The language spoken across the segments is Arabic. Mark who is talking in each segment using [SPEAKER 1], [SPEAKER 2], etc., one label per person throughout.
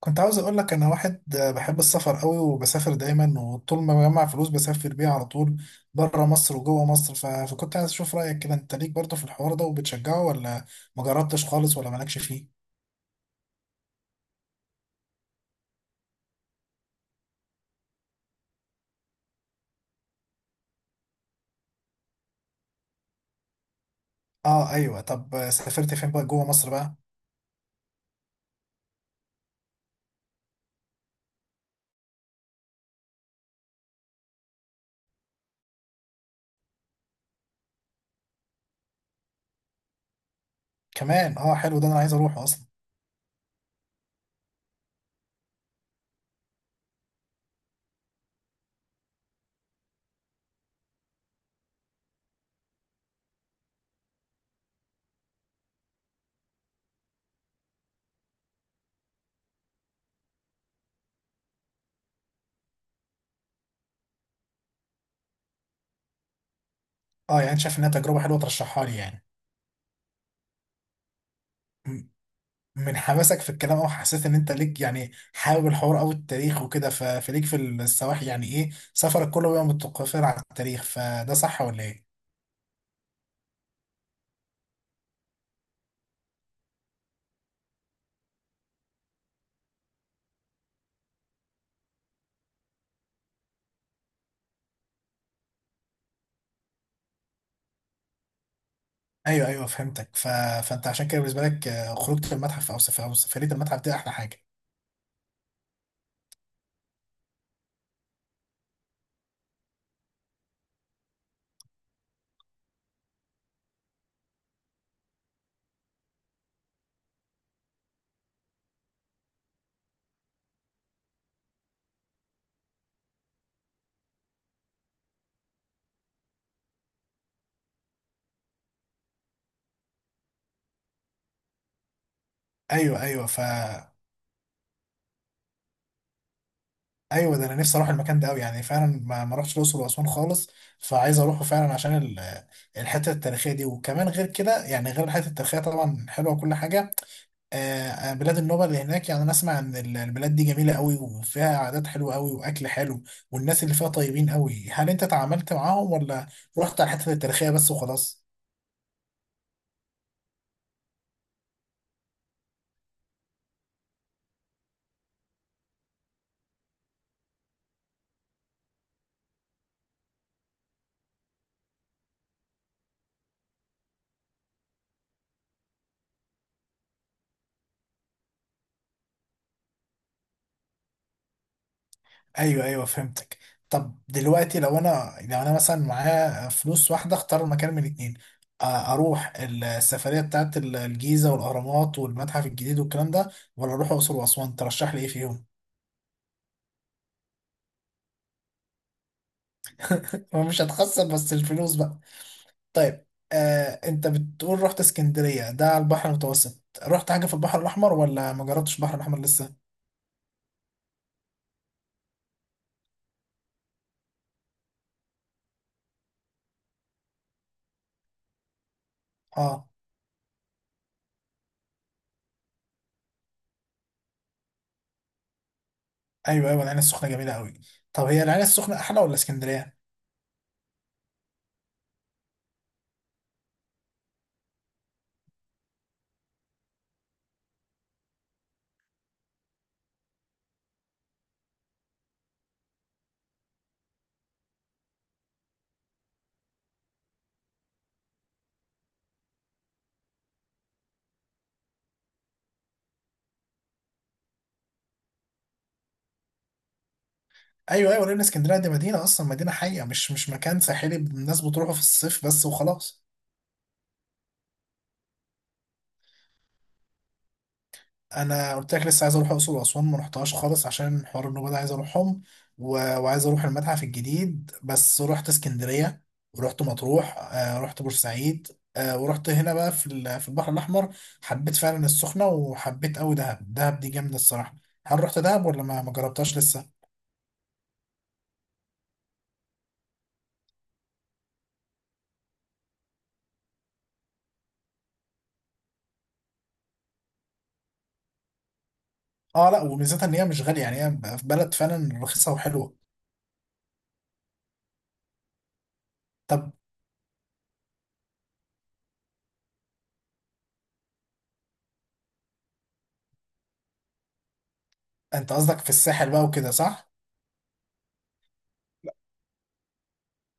[SPEAKER 1] كنت عاوز اقول لك انا واحد بحب السفر قوي، وبسافر دايما، وطول ما بجمع فلوس بسافر بيها على طول بره مصر وجوه مصر. فكنت عايز اشوف رايك كده، انت ليك برضه في الحوار ده وبتشجعه، ولا ما جربتش خالص ولا مالكش فيه؟ اه ايوه، طب سافرت فين بقى جوه مصر بقى؟ كمان اه، حلو ده، انا عايز اروحه اصلا. اه يعني انت شايف انها تجربه حلوه ترشحها لي يعني؟ م- من حماسك في الكلام، او حسيت ان انت ليك، يعني حابب الحوار او التاريخ وكده، فليك في السواحل، يعني ايه، سفرك كله بيبقى متقفر على التاريخ؟ فده صح ولا ايه؟ ايوه ايوه فهمتك. فانت عشان كده بالنسبه لك، خروجه المتحف او سفريه المتحف دي احلى حاجه. ايوه ايوه ايوه، ده انا نفسي اروح المكان ده قوي، يعني فعلا ما رحتش الاقصر واسوان خالص. فعايز اروحه فعلا عشان الحته التاريخيه دي، وكمان غير كده، يعني غير الحته التاريخيه طبعا حلوه وكل حاجه. بلاد النوبه اللي هناك، يعني انا اسمع ان البلاد دي جميله قوي وفيها عادات حلوه قوي واكل حلو، والناس اللي فيها طيبين قوي. هل انت تعاملت معاهم، ولا رحت على الحته التاريخيه بس وخلاص؟ ايوه ايوه فهمتك. طب دلوقتي، لو انا مثلا معايا فلوس واحده اختار مكان من اتنين، اروح السفريه بتاعت الجيزه والاهرامات والمتحف الجديد والكلام ده، ولا اروح الاقصر واسوان، ترشح لي ايه فيهم؟ مش هتخسر بس الفلوس بقى. طيب، انت بتقول رحت اسكندريه، ده على البحر المتوسط، رحت حاجه في البحر الاحمر ولا ما جربتش البحر الاحمر لسه؟ اه ايوه ايوه، العين السخنه جميله قوي. طب هي العين السخنه احلى ولا اسكندريه؟ ايوه ايوه، لان اسكندريه دي مدينه، اصلا مدينه حقيقه، مش مكان ساحلي الناس بتروحه في الصيف بس وخلاص. انا قلت لك لسه عايز اروح الاقصر واسوان، ما رحتهاش خالص، عشان حوار النوبه ده عايز اروحهم، وعايز اروح المتحف الجديد. بس رحت اسكندريه، ورحت مطروح، رحت بورسعيد، ورحت هنا بقى في في البحر الاحمر. حبيت فعلا السخنه، وحبيت قوي دهب، دهب دي جامده الصراحه. هل رحت دهب، ولا ما جربتهاش لسه؟ اه لا، وميزتها ان هي مش غاليه، يعني هي بلد فعلا رخيصه وحلوه. طب، انت قصدك في الساحل بقى وكده صح؟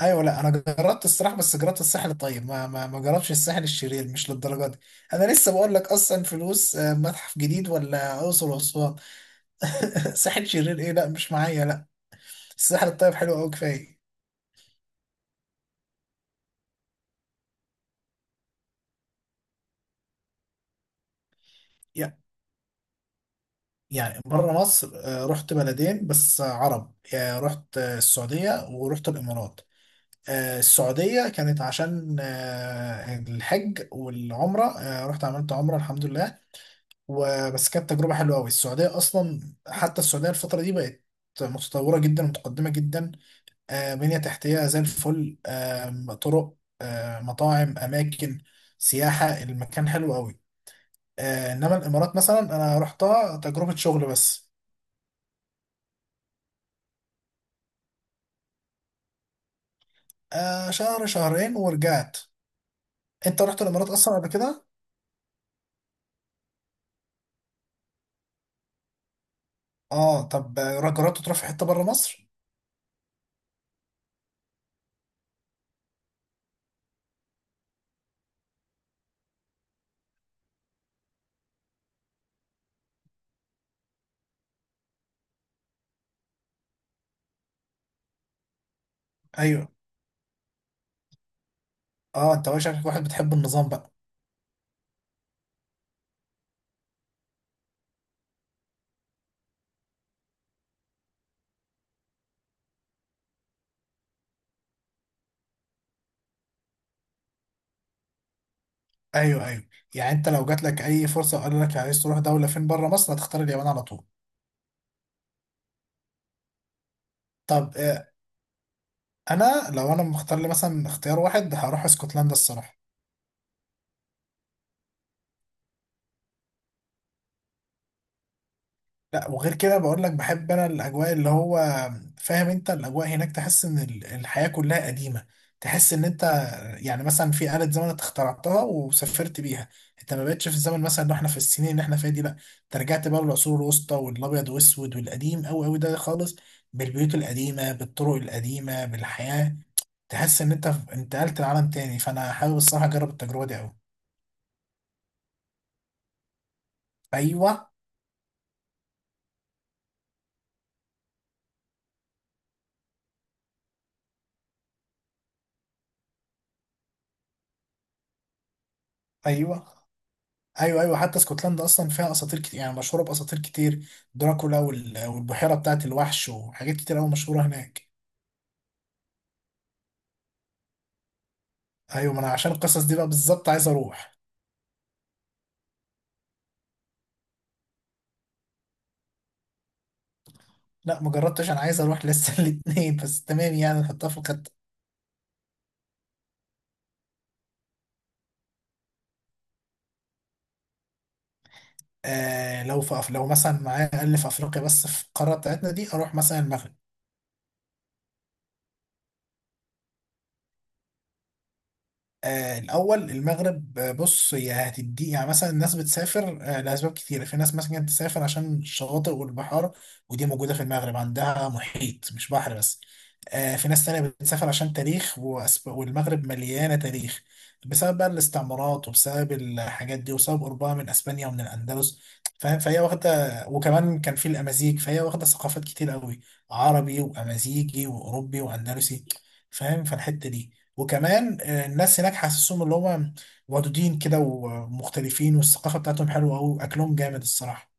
[SPEAKER 1] ايوه، لا انا جربت الصراحه، بس جربت الساحل الطيب، ما جربتش الساحل الشرير مش للدرجه دي. انا لسه بقول لك اصلا فلوس، متحف جديد ولا اقصر واسوان. ساحل شرير ايه، لا مش معايا لا، الساحل الطيب حلو قوي كفايه. يع- يعني بره مصر، رحت بلدين بس عرب، يعني رحت السعوديه، ورحت الامارات. السعوديه كانت عشان الحج والعمره، رحت عملت عمره الحمد لله. وبس كانت تجربة حلوة أوي، السعودية أصلا، حتى السعودية الفترة دي بقت متطورة جدا ومتقدمة جدا. بنية تحتية زي الفل، طرق، مطاعم، أماكن سياحة، المكان حلو أوي. إنما الإمارات مثلا أنا رحتها تجربة شغل بس، شهر شهرين ورجعت. أنت رحت الإمارات أصلا قبل كده؟ آه طب، جربت تروح في حتة بره مصر؟ أيوه. آه، أنت بقى شكلك واحد بتحب النظام بقى. ايوه ايوه، يعني انت لو جات لك اي فرصه وقالوا لك عايز تروح دوله فين بره مصر، هتختار اليابان على طول. طب، انا لو انا مختار لي مثلا اختيار واحد، هروح اسكتلندا الصراحه. لا، وغير كده بقول لك بحب انا الاجواء، اللي هو فاهم انت، الاجواء هناك تحس ان الحياة كلها قديمة، تحس ان انت يعني مثلا في آلة زمن انت اخترعتها وسافرت بيها، انت ما بقتش في الزمن مثلا اللي احنا في السنين اللي احنا فيها دي، لا انت رجعت بقى للعصور الوسطى والابيض واسود والقديم قوي قوي ده خالص، بالبيوت القديمة، بالطرق القديمة، بالحياة، تحس ان انت انتقلت لعالم تاني. فانا حابب الصراحة اجرب التجربة دي قوي. ايوه. ايوه ايوه ايوه حتى اسكتلندا اصلا فيها اساطير كتير، يعني مشهوره باساطير كتير، دراكولا والبحيره بتاعت الوحش، وحاجات كتير قوي مشهوره هناك. ايوه، ما انا عشان القصص دي بقى بالظبط عايز اروح. لا ما جربتش، انا عايز اروح لسه. الاثنين بس، تمام يعني، نحطها في الخطه. آه، لو مثلا معايا اقل في افريقيا، بس في القاره بتاعتنا دي، اروح مثلا المغرب. الأول المغرب، بص، هي هتدي، يعني مثلا الناس بتسافر لأسباب كتيرة، في ناس مثلا بتسافر عشان الشواطئ والبحار، ودي موجودة في المغرب، عندها محيط مش بحر بس. في ناس تانية بتسافر عشان تاريخ، والمغرب مليانة تاريخ، بسبب بقى الاستعمارات، وبسبب الحاجات دي، وبسبب قربها من أسبانيا ومن الأندلس، فاهم. فهي واخدة، وكمان كان في الأمازيغ، فهي واخدة ثقافات كتير قوي، عربي وأمازيغي وأوروبي وأندلسي، فاهم. فالحتة دي، وكمان الناس هناك حاسسهم اللي هم ودودين كده ومختلفين، والثقافة بتاعتهم حلوة أوي، أكلهم جامد الصراحة.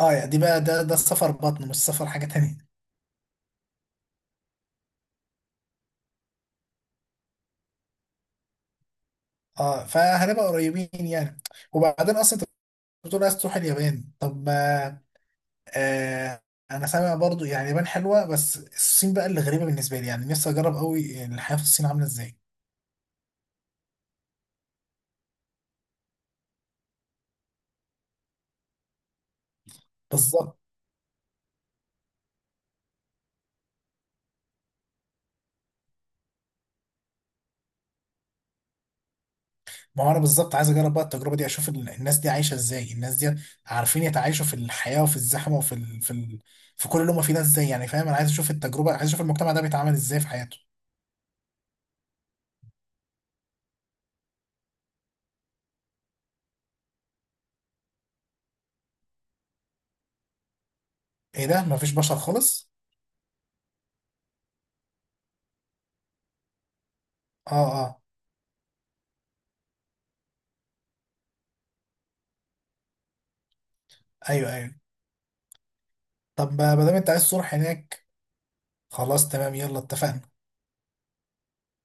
[SPEAKER 1] اه يعني دي بقى، ده السفر بطن، مش سفر حاجة تانية. اه فهنبقى قريبين يعني. وبعدين اصلا انت بتقول عايز تروح اليابان، طب ما آه انا سامع برضو، يعني اليابان حلوة، بس الصين بقى اللي غريبة بالنسبة لي، يعني نفسي اجرب قوي الحياة في الصين عاملة ازاي. بالظبط. ما هو انا بالظبط عايز اجرب بقى التجربه دي، اشوف الناس دي عايشه ازاي، الناس دي عارفين يتعايشوا في الحياه وفي الزحمه وفي في كل اللي هم فيه ده ازاي، يعني فاهم، انا عايز اشوف التجربه، عايز اشوف المجتمع ده بيتعامل ازاي في حياته. ايه ده، مفيش بشر خالص؟ اه اه. ايوه ايوه، طب ما دام انت عايز تروح هناك، خلاص تمام يلا اتفقنا.